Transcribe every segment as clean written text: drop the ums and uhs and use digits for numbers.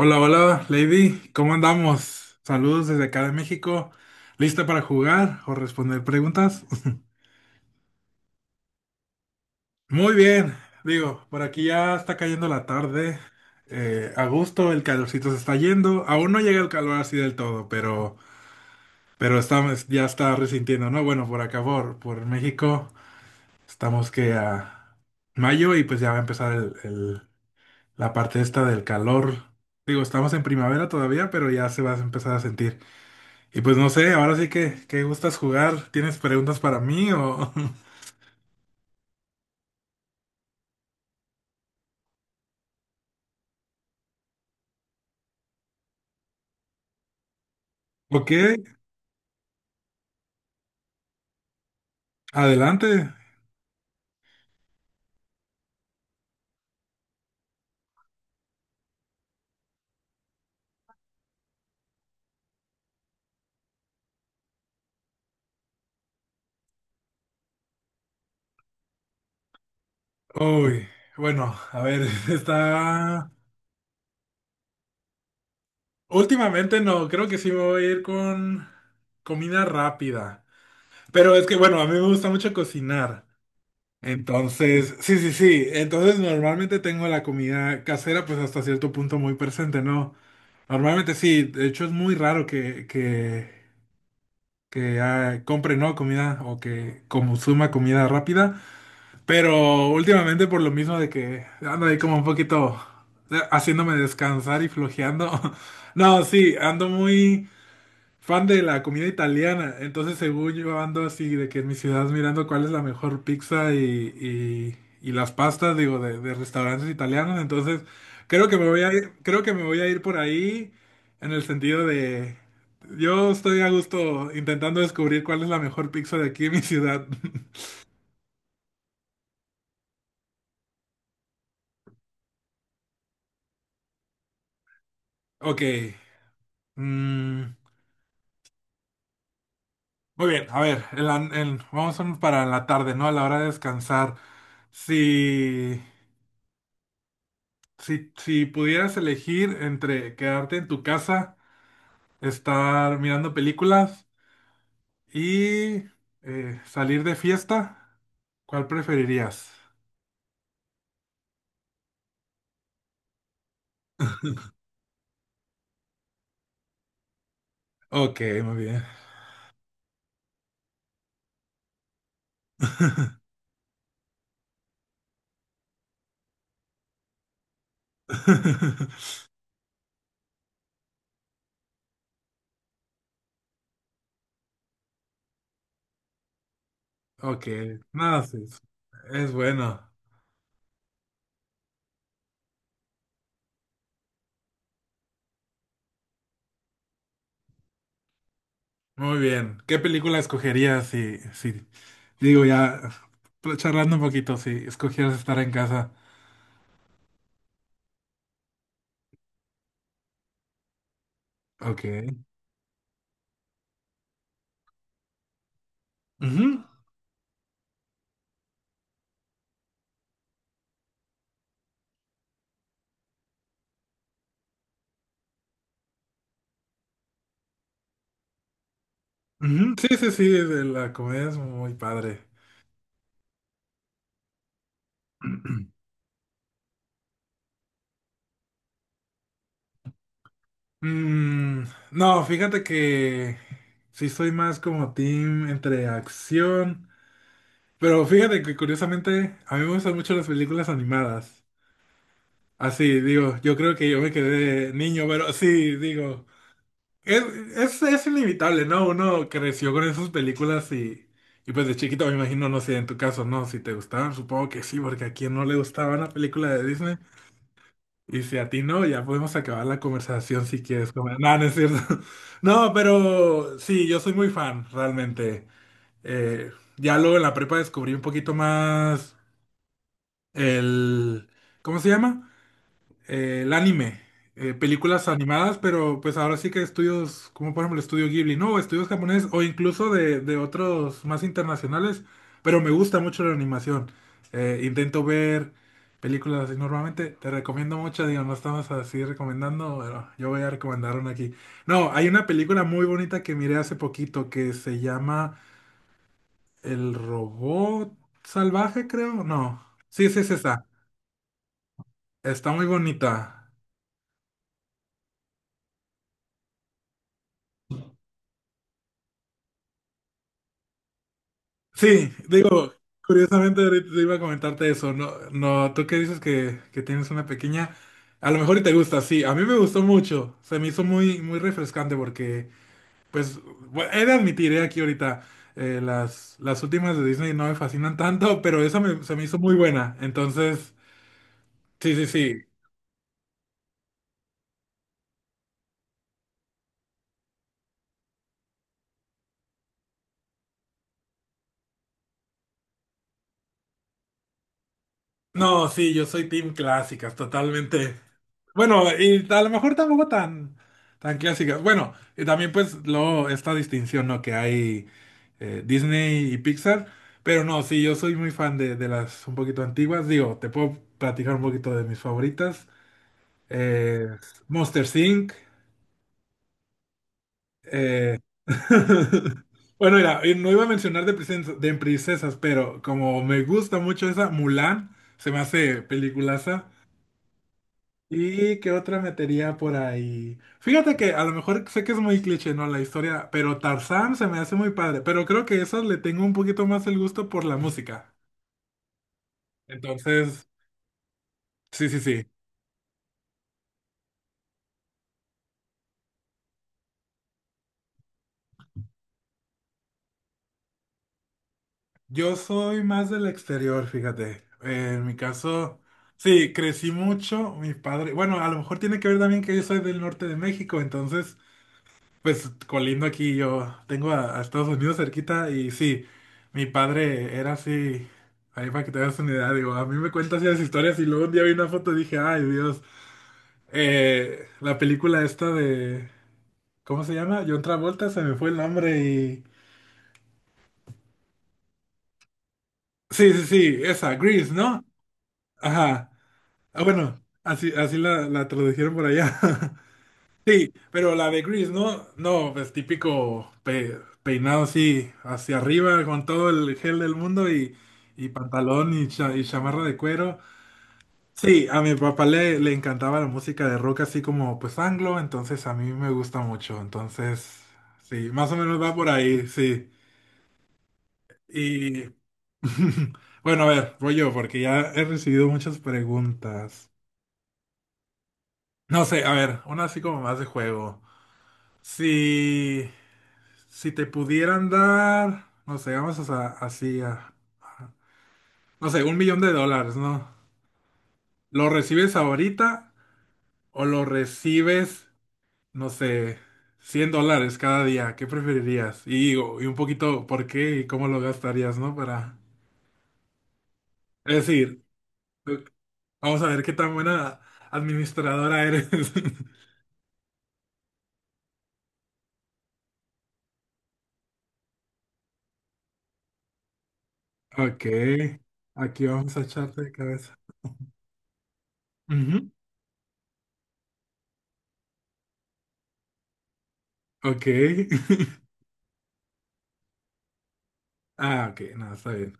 Hola, hola, Lady, ¿cómo andamos? Saludos desde acá de México. ¿Lista para jugar o responder preguntas? Muy bien, digo, por aquí ya está cayendo la tarde. A gusto, el calorcito se está yendo. Aún no llega el calor así del todo, pero, estamos, ya está resintiendo, ¿no? Bueno, por acá, por México, estamos que a mayo y pues ya va a empezar la parte esta del calor. Digo, estamos en primavera todavía, pero ya se va a empezar a sentir. Y pues no sé, ahora sí que, ¿qué gustas jugar? ¿Tienes preguntas para mí o, o qué? Adelante. Uy, bueno, a ver, está... Últimamente no, creo que sí me voy a ir con comida rápida. Pero es que, bueno, a mí me gusta mucho cocinar. Entonces, sí, sí, sí. Entonces normalmente tengo la comida casera pues hasta cierto punto muy presente, ¿no? Normalmente sí, de hecho es muy raro que compre no comida o que consuma comida rápida, pero últimamente por lo mismo de que ando ahí como un poquito haciéndome descansar y flojeando. No, sí, ando muy fan de la comida italiana, entonces según yo ando así de que en mi ciudad mirando cuál es la mejor pizza y las pastas, digo, de restaurantes italianos, entonces creo que me voy a ir, creo que me voy a ir por ahí en el sentido de yo estoy a gusto intentando descubrir cuál es la mejor pizza de aquí en mi ciudad. Ok, mm, muy bien, a ver, en la- en- vamos a- para la tarde, ¿no? A la hora de descansar. Si... si pudieras elegir entre quedarte en tu casa, estar mirando películas y salir de fiesta, ¿cuál preferirías? Ok, muy bien. Ok, nada, sí, es bueno. Muy bien. ¿Qué película escogerías si, si, digo ya, charlando un poquito, si escogieras estar en casa? Ok. Ujú, ujú. Sí, sí, sí, de la comedia es muy padre. Mm, no, fíjate que sí soy más como team entre acción, pero fíjate que curiosamente a mí me gustan mucho las películas animadas. Así, digo, yo creo que yo me quedé niño, pero sí, digo, es, es inevitable, ¿no? Uno creció con esas películas y pues de chiquito me imagino, no sé, en tu caso, ¿no? Si te gustaban, supongo que sí, porque a quien no le gustaba una película de Disney. Y si a ti no, ya podemos acabar la conversación si quieres. Comer. No, no es cierto. No, pero sí, yo soy muy fan, realmente. Eh, ya luego en la prepa descubrí un poquito más el... ¿Cómo se llama? El anime, películas animadas, pero pues ahora sí que estudios, como por ejemplo el estudio Ghibli, ¿no? O estudios japoneses o incluso de otros más internacionales, pero me gusta mucho la animación. Intento ver películas así normalmente, te recomiendo muchas, digo, no estamos así recomendando, pero yo voy a recomendar una aquí. No, hay una película muy bonita que miré hace poquito que se llama El robot salvaje, creo, no. Sí, sí, es esa. Está muy bonita. Sí, digo, curiosamente ahorita te iba a comentarte eso, no, no, tú que dices que tienes una pequeña, a lo mejor y te gusta, sí, a mí me gustó mucho, se me hizo muy, muy refrescante porque, pues, bu- he de admitir, aquí ahorita, las últimas de Disney no me fascinan tanto, pero esa me- se me hizo muy buena, entonces, sí, sí, sí, no, sí, yo soy team clásicas, totalmente. Bueno, y a lo mejor tampoco tan, tan clásicas. Bueno, y también pues luego esta distinción, ¿no? Que hay Disney y Pixar. Pero no, sí, yo soy muy fan de las un poquito antiguas. Digo, te puedo platicar un poquito de mis favoritas. Eh, Monsters Inc. eh, Bueno, mira, y no iba a mencionar de princesas, pero como me gusta mucho esa, Mulan, se me hace peliculaza. ¿Y qué otra metería por ahí? Fíjate que a lo mejor sé que es muy cliché, ¿no? La historia, pero Tarzán se me hace muy padre, pero creo que esas le tengo un poquito más el gusto por la música. Entonces, sí, sí, sí. Yo soy más del exterior, fíjate. En mi caso, sí, crecí mucho, mi padre. Bueno, a lo mejor tiene que ver también que yo soy del norte de México, entonces pues colindo aquí yo tengo a Estados Unidos cerquita y sí, mi padre era así, ahí para que te hagas una idea, digo, a mí me cuentas esas historias y luego un día vi una foto y dije, ay Dios, la película esta de, ¿cómo se llama? John Travolta, se me fue el nombre y... Sí, sí, sí, esa, Grease, ¿no? Ajá, ah, bueno, así, así la tradujeron por allá. Sí, pero la de Grease, ¿no? No, pues típico pe- peinado así hacia arriba con todo el gel del mundo y pantalón y, cha- y chamarra de cuero. Sí, a mi papá le encantaba la música de rock así como pues anglo, entonces a mí me gusta mucho. Entonces, sí, más o menos va por ahí, sí. Y bueno, a ver, voy yo porque ya he recibido muchas preguntas. No sé, a ver, una así como más de juego. Sí. Si te pudieran dar, no sé, vamos a, así a- no sé, 1 millón de dólares, ¿no? ¿Lo recibes ahorita o lo recibes, no sé, 100 dólares cada día? ¿Qué preferirías? Y, o- y un poquito, ¿por qué y cómo lo gastarías, ¿no? Para, es decir, vamos a ver qué tan buena administradora eres. Ok, aquí vamos a echarte de cabeza. Ujú, ok. Ah, ok, no, está bien.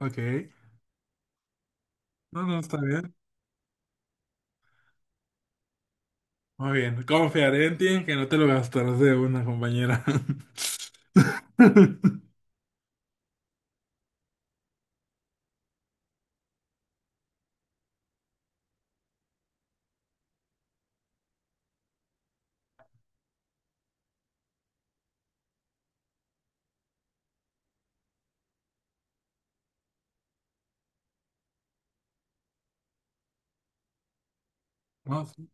Ok, no, no, está bien. Muy bien, confiaré en ti en que no te lo gastarás de una compañera. No, sí.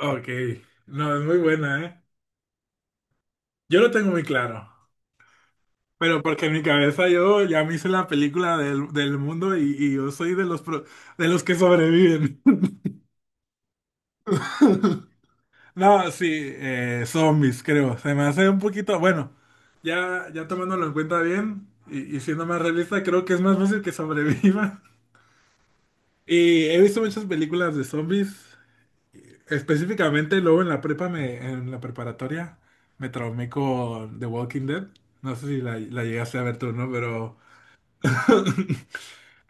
Ok, no, es muy buena, ¿eh? Yo lo tengo muy claro, pero porque en mi cabeza yo ya me hice la película del mundo y yo soy de los, pro- de los que sobreviven. No, sí, zombies, creo. Se me hace un poquito, bueno, ya, ya tomándolo en cuenta bien y siendo más realista, creo que es más fácil que sobreviva. Y he visto muchas películas de zombies. Específicamente, luego en la prepa, me, en la preparatoria, me traumé con The Walking Dead. No sé si la llegaste a ver tú, ¿no? Pero...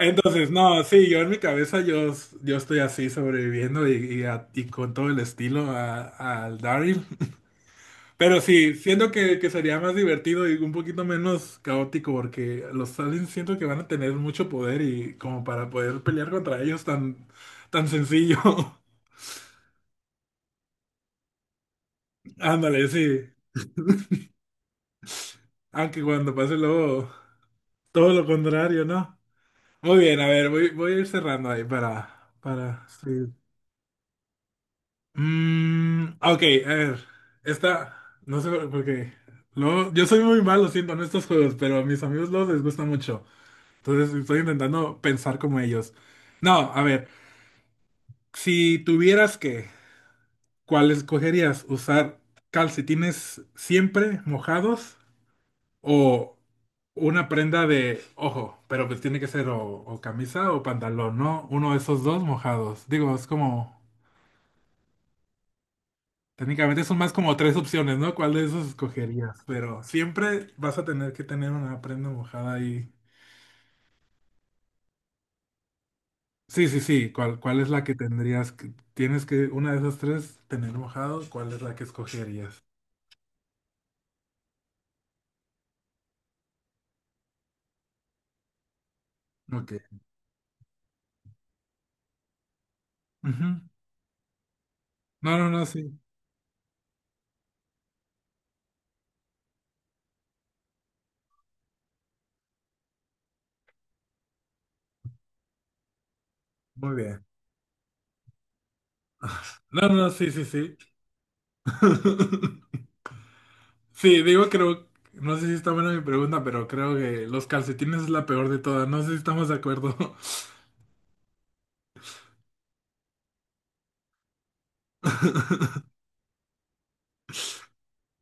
Entonces, no, sí, yo en mi cabeza yo estoy así sobreviviendo y, a- y con todo el estilo a- al Daryl. Pero sí, siento que sería más divertido y un poquito menos caótico porque los aliens siento que van a tener mucho poder y como para poder pelear contra ellos tan, tan sencillo. Ándale, sí. Aunque cuando pase luego... Todo lo contrario, ¿no? Muy bien, a ver, voy a ir cerrando ahí para, sí. Ok, a ver, esta, no sé por qué. Luego, yo soy muy malo, siento, en estos juegos, pero a mis amigos los les gusta mucho. Entonces estoy intentando pensar como ellos. No, a ver, si tuvieras que, ¿cuál escogerías? ¿Usar calcetines siempre mojados? O una prenda de, ojo, pero pues tiene que ser o camisa o pantalón, ¿no? Uno de esos dos mojados. Digo, es como, técnicamente son más como tres opciones, ¿no? ¿Cuál de esos escogerías? Pero siempre vas a tener que tener una prenda mojada ahí. Sí, sí, sí. ¿Cuál es la que tendrías? Que- Tienes que, una de esas tres, tener mojado. ¿Cuál es la que escogerías? Ok. Ujú. No, no, no, sí. Muy bien. No, no, sí, sí, sí. Sí, digo, creo, no sé si está buena mi pregunta, pero creo que los calcetines es la peor de todas. No sé si estamos de acuerdo.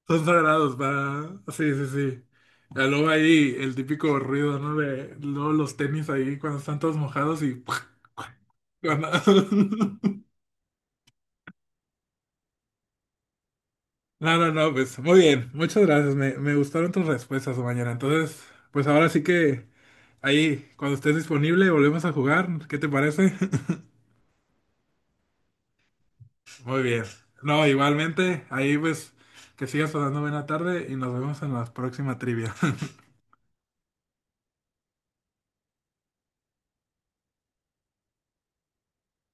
Son sagrados para... Sí, sí, sí. Ya luego ahí el típico ruido, ¿no? De luego los tenis ahí cuando están todos mojados y... cuando- No, no, no, pues muy bien. Muchas gracias. Me gustaron tus respuestas, mañana. Entonces, pues ahora sí que ahí, cuando estés disponible, volvemos a jugar. ¿Qué te parece? Muy bien. No, igualmente, ahí pues que sigas pasando buena tarde y nos vemos en la próxima trivia.